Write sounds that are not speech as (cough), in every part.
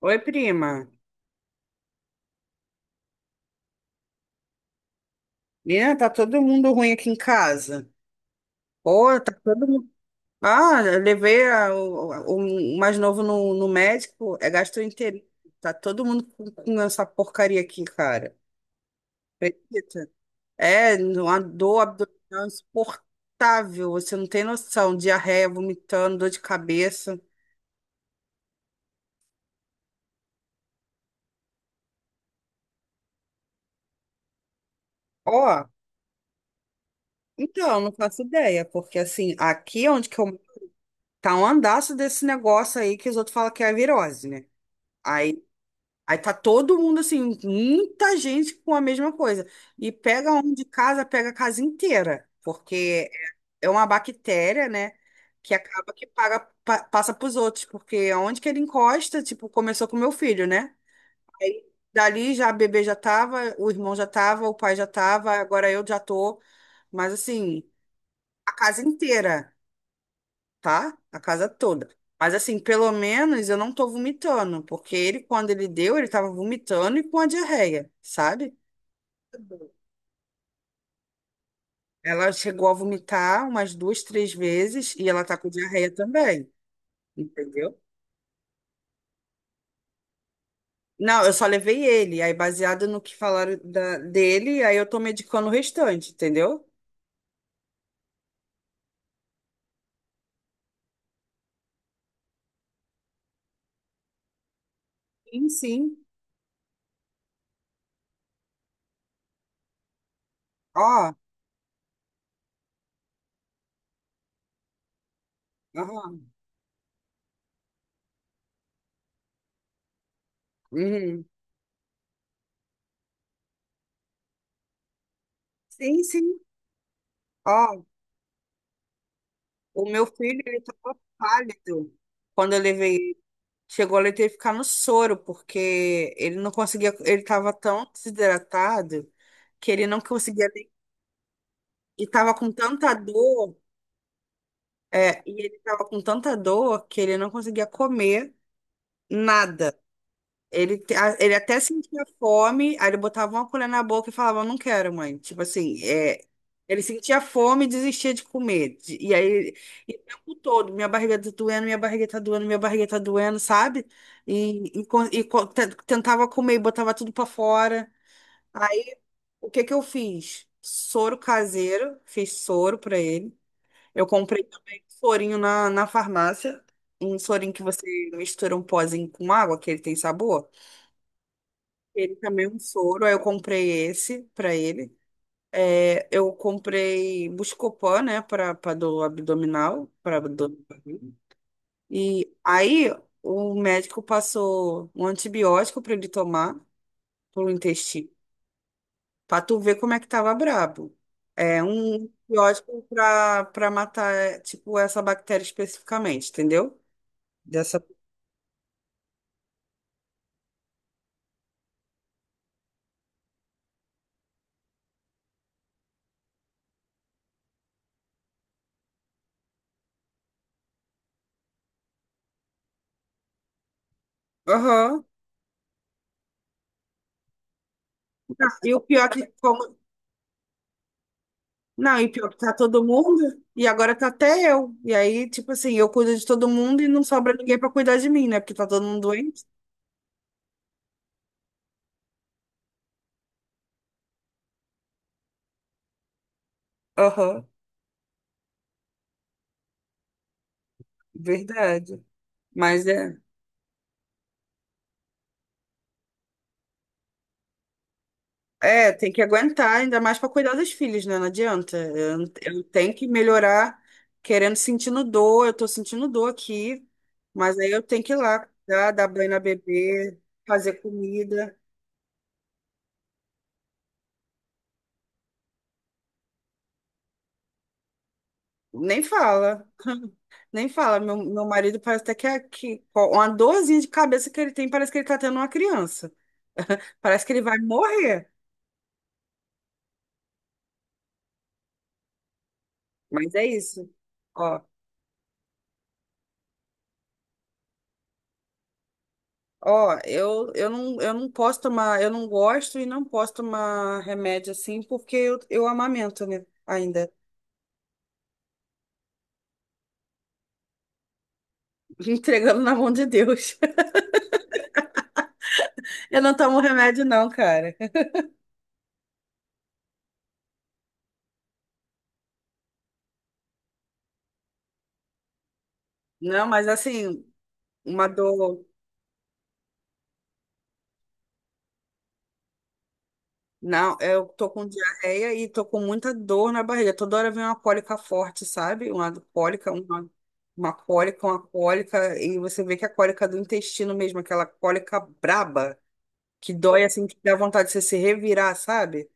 Oi, prima. Menina, tá todo mundo ruim aqui em casa. Pô, tá todo mundo. Ah, eu levei o mais novo no médico, é gastroenterite. Tá todo mundo com essa porcaria aqui, cara. Acredita? É, uma dor abdominal insuportável. Você não tem noção. Diarreia, vomitando, dor de cabeça. Ó, então, não faço ideia, porque assim, aqui onde que eu. Tá um andaço desse negócio aí que os outros falam que é a virose, né? Aí Aí tá todo mundo assim, muita gente com a mesma coisa. E pega um de casa, pega a casa inteira, porque é uma bactéria, né? Que acaba que passa pros outros, porque aonde que ele encosta, tipo, começou com meu filho, né? Aí dali já a bebê já tava, o irmão já tava, o pai já tava, agora eu já tô. Mas assim, a casa inteira tá? A casa toda. Mas assim, pelo menos eu não tô vomitando, porque ele, quando ele deu, ele tava vomitando e com a diarreia, sabe? Ela chegou a vomitar umas duas, três vezes e ela tá com diarreia também, entendeu? Não, eu só levei ele, aí baseado no que falaram dele, aí eu tô medicando o restante, entendeu? Sim, sim. Ó, aham. Uhum. Sim, sim. Ó, o meu filho, ele tava pálido quando eu levei. Chegou ele ter que ficar no soro, porque ele não conseguia, ele estava tão desidratado que ele não conseguia nem, e estava com tanta dor, é, e ele estava com tanta dor que ele não conseguia comer nada. Ele, ele até sentia fome, aí ele botava uma colher na boca e falava, não quero, mãe. Tipo assim, é, ele sentia fome e desistia de comer. E aí, e o tempo todo, minha barriga tá doendo, minha barriga tá doendo, minha barriga tá doendo, sabe? E tentava comer e botava tudo pra fora. Aí, o que que eu fiz? Soro caseiro, fiz soro pra ele. Eu comprei também um sorinho na farmácia, um sorinho que você mistura um pozinho com água, que ele tem sabor. Ele também é um soro, aí eu comprei esse pra ele. É, eu comprei Buscopan, né, para do abdominal, para abdômen. E aí o médico passou um antibiótico para ele tomar pro intestino, para tu ver como é que tava brabo. É um antibiótico para matar é, tipo essa bactéria especificamente, entendeu? Dessa. Aham. E o pior é que como. Não, e pior que tá todo mundo, e agora tá até eu. E aí, tipo assim, eu cuido de todo mundo e não sobra ninguém pra cuidar de mim, né? Porque tá todo mundo doente. Aham, verdade. Mas é. É, tem que aguentar, ainda mais pra cuidar dos filhos, né? Não adianta. Eu tenho que melhorar, querendo, sentindo dor. Eu tô sentindo dor aqui, mas aí eu tenho que ir lá, cuidar, dar banho na bebê, fazer comida. Nem fala. Nem fala, meu marido parece até que, que uma dorzinha de cabeça que ele tem, parece que ele tá tendo uma criança. Parece que ele vai morrer. Mas é isso. Ó, ó, eu não posso tomar, eu não gosto e não posso tomar remédio assim, porque eu amamento, né? Ainda. (laughs) Entregando na mão de Deus. (laughs) Eu não tomo remédio, não, cara. Não, mas assim, uma dor. Não, eu tô com diarreia e tô com muita dor na barriga. Toda hora vem uma cólica forte, sabe? Uma cólica. E você vê que é a cólica do intestino mesmo, aquela cólica braba, que dói assim, que dá vontade de você se revirar, sabe?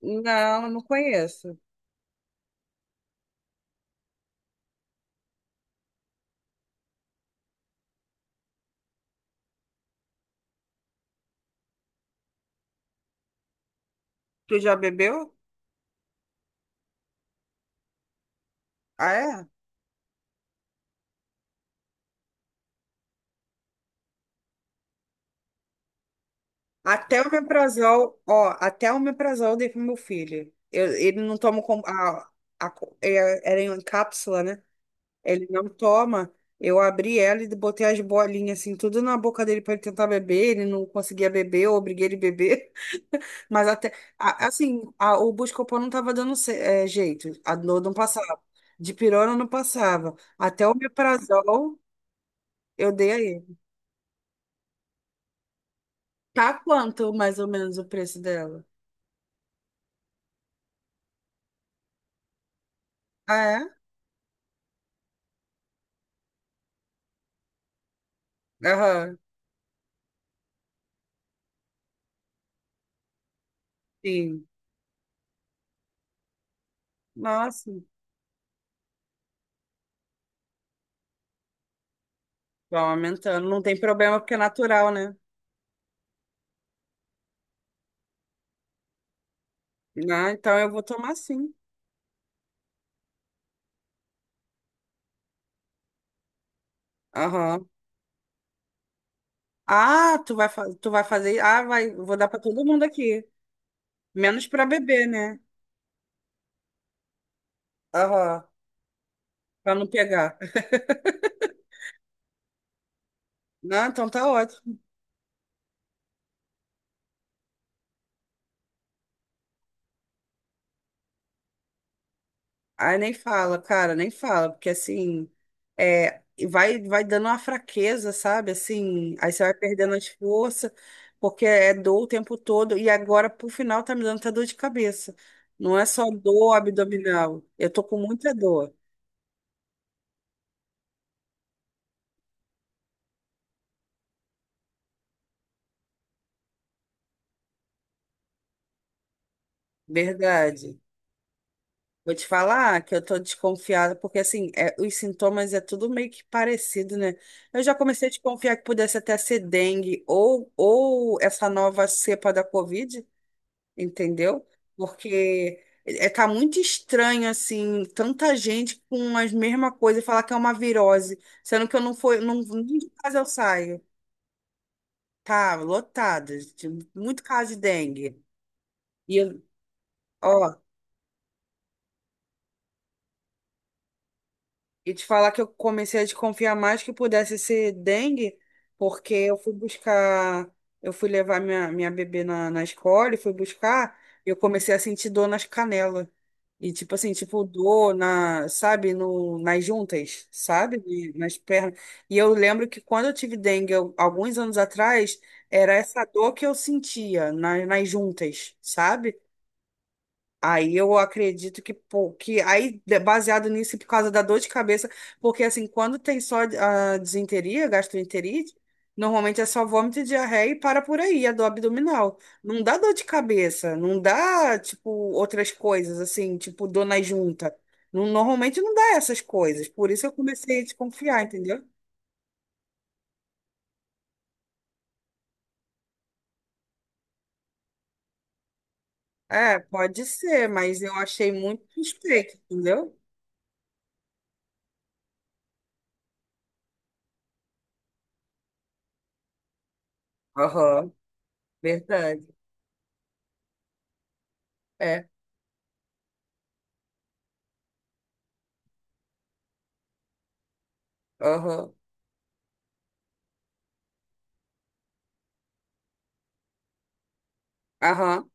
Não, não conheço. Tu já bebeu? Ah, é? Até o omeprazol eu dei pro meu filho. Ele não toma com, era em cápsula, né? Ele não toma. Eu abri ela e botei as bolinhas assim, tudo na boca dele para ele tentar beber. Ele não conseguia beber, eu obriguei ele a beber. (laughs) Mas até, o Buscopan não estava dando jeito. A dor não passava. De pirona não passava. Até o omeprazol eu dei a ele. Tá quanto mais ou menos o preço dela? Ah, é? Aham, sim. Nossa, vai aumentando. Não tem problema porque é natural, né? Ah, então eu vou tomar sim. Aham. Ah, tu vai fazer. Ah, vai, vou dar para todo mundo aqui. Menos para bebê, né? Aham. Pra não pegar. Não, então tá ótimo. Ai, nem fala, cara, nem fala, porque assim, é, vai dando uma fraqueza, sabe? Assim, aí você vai perdendo as forças, porque é dor o tempo todo, e agora pro final tá me dando até dor de cabeça. Não é só dor abdominal, eu tô com muita dor, verdade. Vou te falar que eu tô desconfiada, porque assim, é, os sintomas é tudo meio que parecido, né? Eu já comecei a desconfiar que pudesse até ser dengue ou essa nova cepa da Covid, entendeu? Porque é, tá muito estranho, assim, tanta gente com as mesmas coisas e falar que é uma virose, sendo que eu não fui, não, nem de casa eu saio. Tá lotado, muito caso de dengue. E, eu- ó, E te falar que eu comecei a desconfiar mais que pudesse ser dengue, porque eu fui buscar, eu fui levar minha bebê na escola e fui buscar, e eu comecei a sentir dor nas canelas. E tipo assim, tipo dor na, sabe, no, nas juntas, sabe? E nas pernas. E eu lembro que quando eu tive dengue, alguns anos atrás, era essa dor que eu sentia na, nas juntas, sabe? Aí eu acredito que, pô, que aí, baseado nisso, e por causa da dor de cabeça, porque assim, quando tem só a disenteria, gastroenterite, normalmente é só vômito, diarreia e para por aí, a dor abdominal. Não dá dor de cabeça, não dá, tipo, outras coisas, assim, tipo, dor na junta. Normalmente não dá essas coisas, por isso eu comecei a desconfiar, entendeu? É, pode ser, mas eu achei muito suspeito, entendeu? Aham, verdade. É, aham, aham.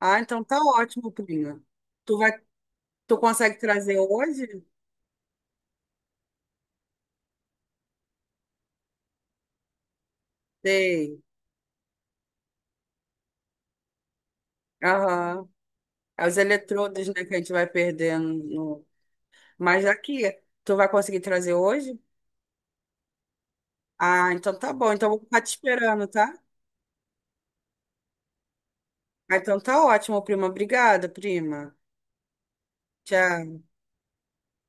Ah, então tá ótimo, prima. Tu vai, tu consegue trazer hoje? Sei. Aham. É os eletrodos, né, que a gente vai perdendo. No-. Mas aqui, tu vai conseguir trazer hoje? Ah, então tá bom. Então eu vou ficar te esperando, tá? Ah, então tá ótimo, prima. Obrigada, prima. Tchau.